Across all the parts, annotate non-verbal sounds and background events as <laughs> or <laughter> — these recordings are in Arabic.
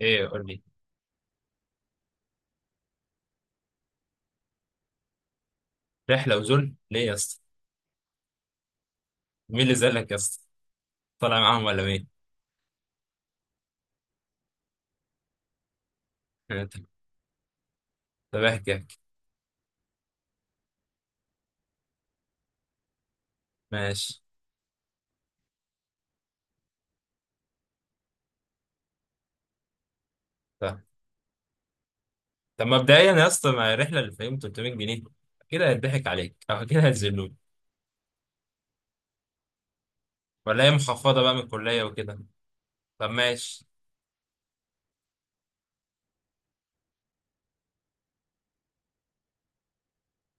ايه؟ قول لي. رحله وذل ليه يا اسطى؟ مين اللي زلك يا اسطى؟ طالع معاهم ولا مين؟ آه، طب طب احكي احكي. ماشي. طب طب, مبدئيا يا اسطى, مع الرحله اللي فيهم 300 جنيه كده هيضحك عليك <laughs> او كده هيذلوك. ولا هي محفظه بقى من الكليه وكده؟ طب ماشي.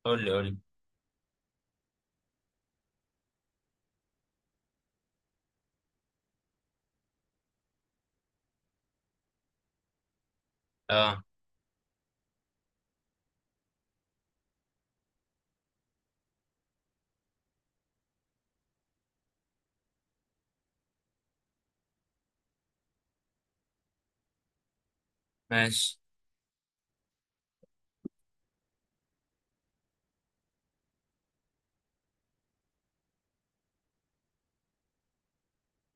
قول لي قول لي. اه. ماشي.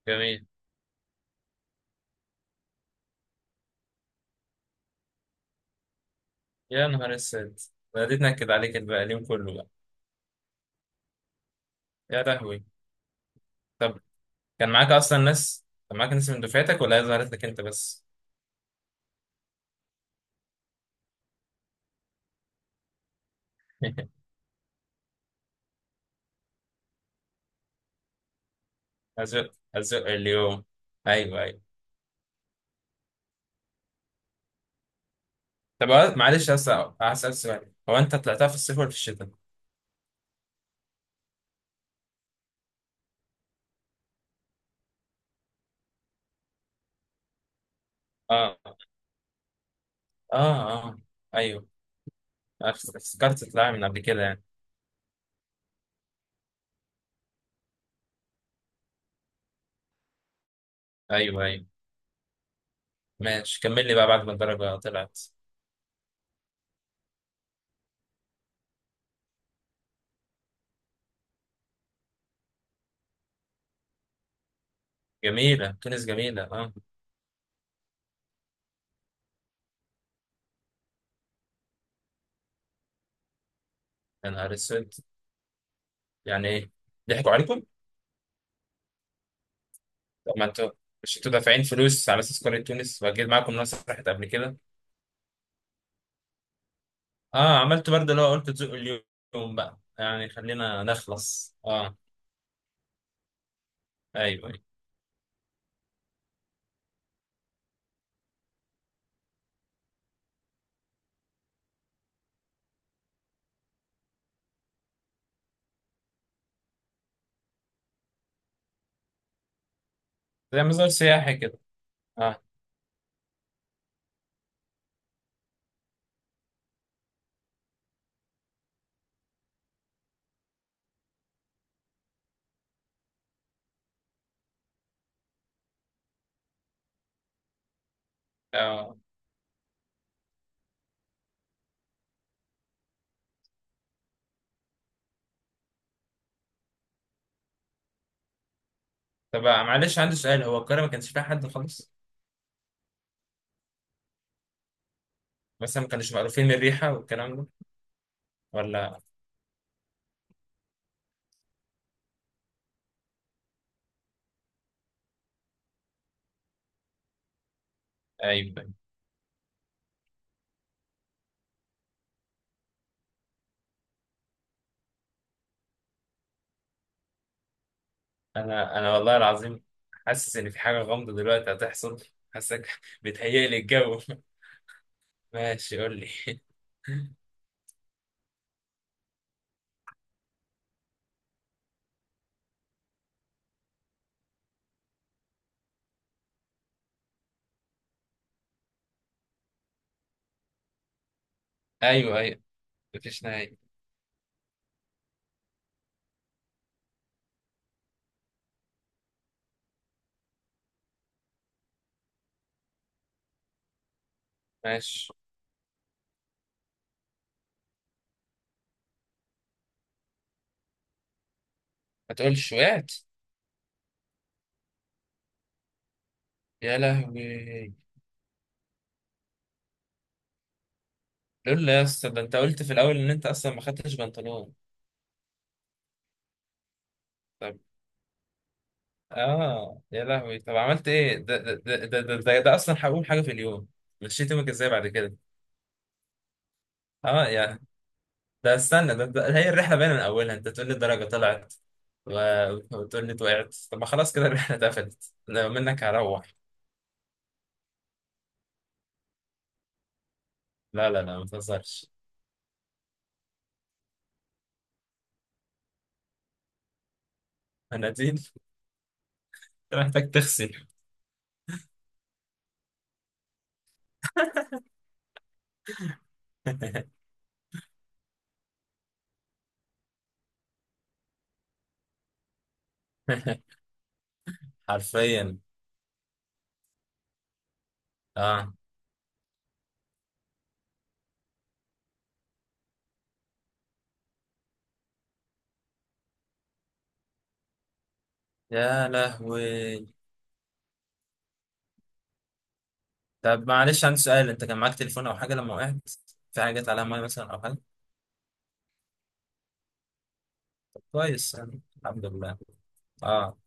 جميل. يا نهار اسود. بديت نكد عليك بقى اليوم كله بقى. يا لهوي. طب كان معاك ناس من دفعتك ولا هي ظهرت لك انت بس؟ <laughs> ازق ازق اليوم. ايوه ايوه. طب معلش بس. هسأل سؤال, هو انت طلعتها في الصيف ولا في الشتاء؟ اه اه اه. ايوه. أنا افتكرت تطلعها من قبل كده يعني. ايوه ايوه. ماشي, كمل لي بقى بعد ما الدرجة طلعت. جميلة تونس, جميلة, اه. يا نهار اسود, يعني ايه؟ ضحكوا عليكم؟ طب ما انتوا, مش انتوا دافعين فلوس على اساس قرية تونس, واكيد معاكم ناس راحت قبل كده. اه, عملت برضه اللي هو قلت تزقوا اليوم بقى يعني خلينا نخلص اه. ايوه ايوه. زي مزار سياحي كده؟ اه. آه. طب معلش عندي سؤال, هو القاهرة ما كانش فيها حد خالص؟ مثلا ما كانوش مقرفين من الريحة والكلام ده ولا؟ أيوة. أنا والله العظيم حاسس إن في حاجة غامضة دلوقتي هتحصل. حاسك بتهيأ لي الجو. <laughs> ماشي, قول لي. <laughs> أيوة أيوة. مفيش نهاية. ماشي. ما تقولش وقعت. يا لهوي. لولا يا اسطى, ده أنت قلت في الأول إن أنت أصلا ما خدتش بنطلون. طب آه يا لهوي, طب عملت إيه؟ ده أصلا هقول حاجة في اليوم. مشيت يومك إزاي بعد كده؟ اه يا. ده, استنى, ده هي الرحله باينه من اولها. انت تقول لي الدرجه طلعت وتقول لي وقعت. طب ما خلاص كده الرحله اتقفلت. لو منك هروح. لا لا لا, ما تهزرش. مناديل؟ <laughs> انت محتاج تغسل. <laughs> حرفيا. اه يا لهوي. طب معلش عندي سؤال, انت كان معاك تليفون او حاجه لما وقعت؟ في حاجه جت عليها ميه مثلا او حاجه؟ كويس يعني, الحمد لله. اه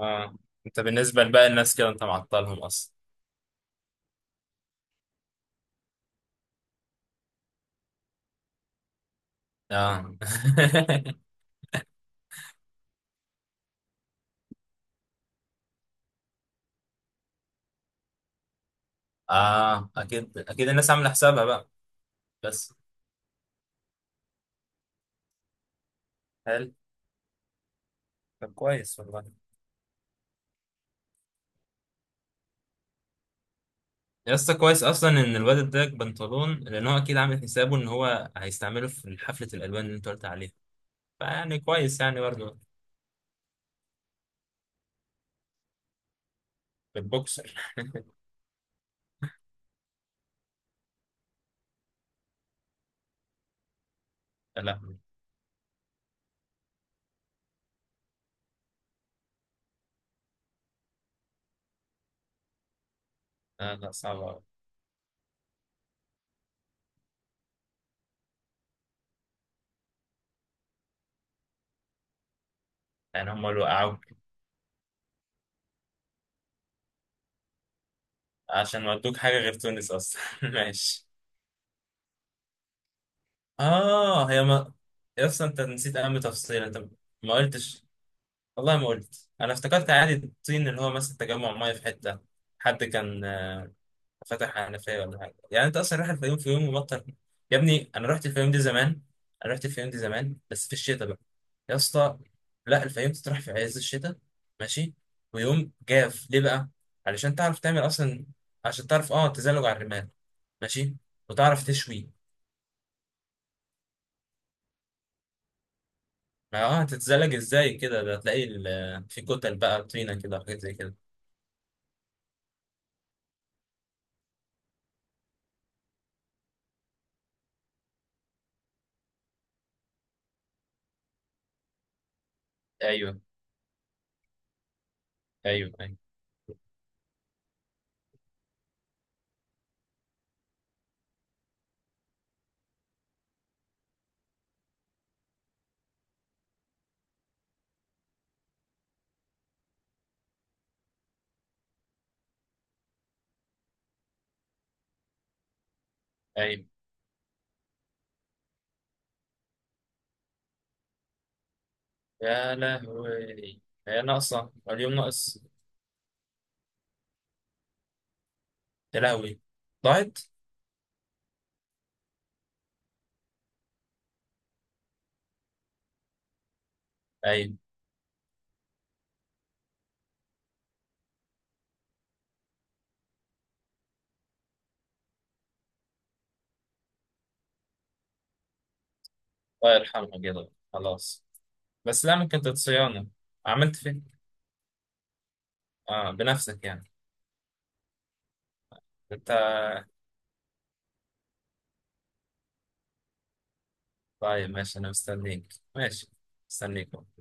اه. انت بالنسبه لباقي الناس كده انت معطلهم اصلا. اه. <laughs> اه, اكيد اكيد الناس عامله حسابها بقى. بس. حلو. طب كويس والله. يا اسطى كويس اصلا ان الواد اداك بنطلون, لان هو اكيد عامل حسابه ان هو هيستعمله في حفله الالوان اللي انت قلت عليها. فيعني كويس يعني برضه. البوكسر. لا لا لا, صعب أوي. يعني هم اللي وقعوك؟ عشان ودوك حاجه غير تونس اصلا. <laughs> ماشي. اه, هي ما. يا اسطى انت نسيت اهم تفصيل انت. ما قلتش. والله ما قلت. انا افتكرت عادي, الطين اللي هو مثلا تجمع ميه في حته. حد كان فتح حنفية ولا حاجة يعني؟ انت اصلا رايح الفيوم في يوم مبطل. يا ابني انا رحت الفيوم دي زمان. انا رحت الفيوم دي زمان بس في الشتاء بقى. يا اسطى, لا, الفيوم تروح في عز الشتاء. ماشي. ويوم جاف ليه بقى؟ علشان تعرف تعمل اصلا. عشان تعرف اه تزلج على الرمال. ماشي. وتعرف تشوي. ما اه, هتتزلج ازاي كده؟ ده هتلاقي في كتل بقى, طينة كده وحاجات زي كده. ايوه ايوه ايوه ايوه. يا لهوي. هي ناقصة اليوم ناقص. يا لهوي. ضاعت. اي. الله يرحمها كده, خلاص. بس لا, ممكن تتصيانة. عملت فين؟ اه, بنفسك يعني. انت. طيب ماشي, انا مستنيك. ماشي. مستنيك.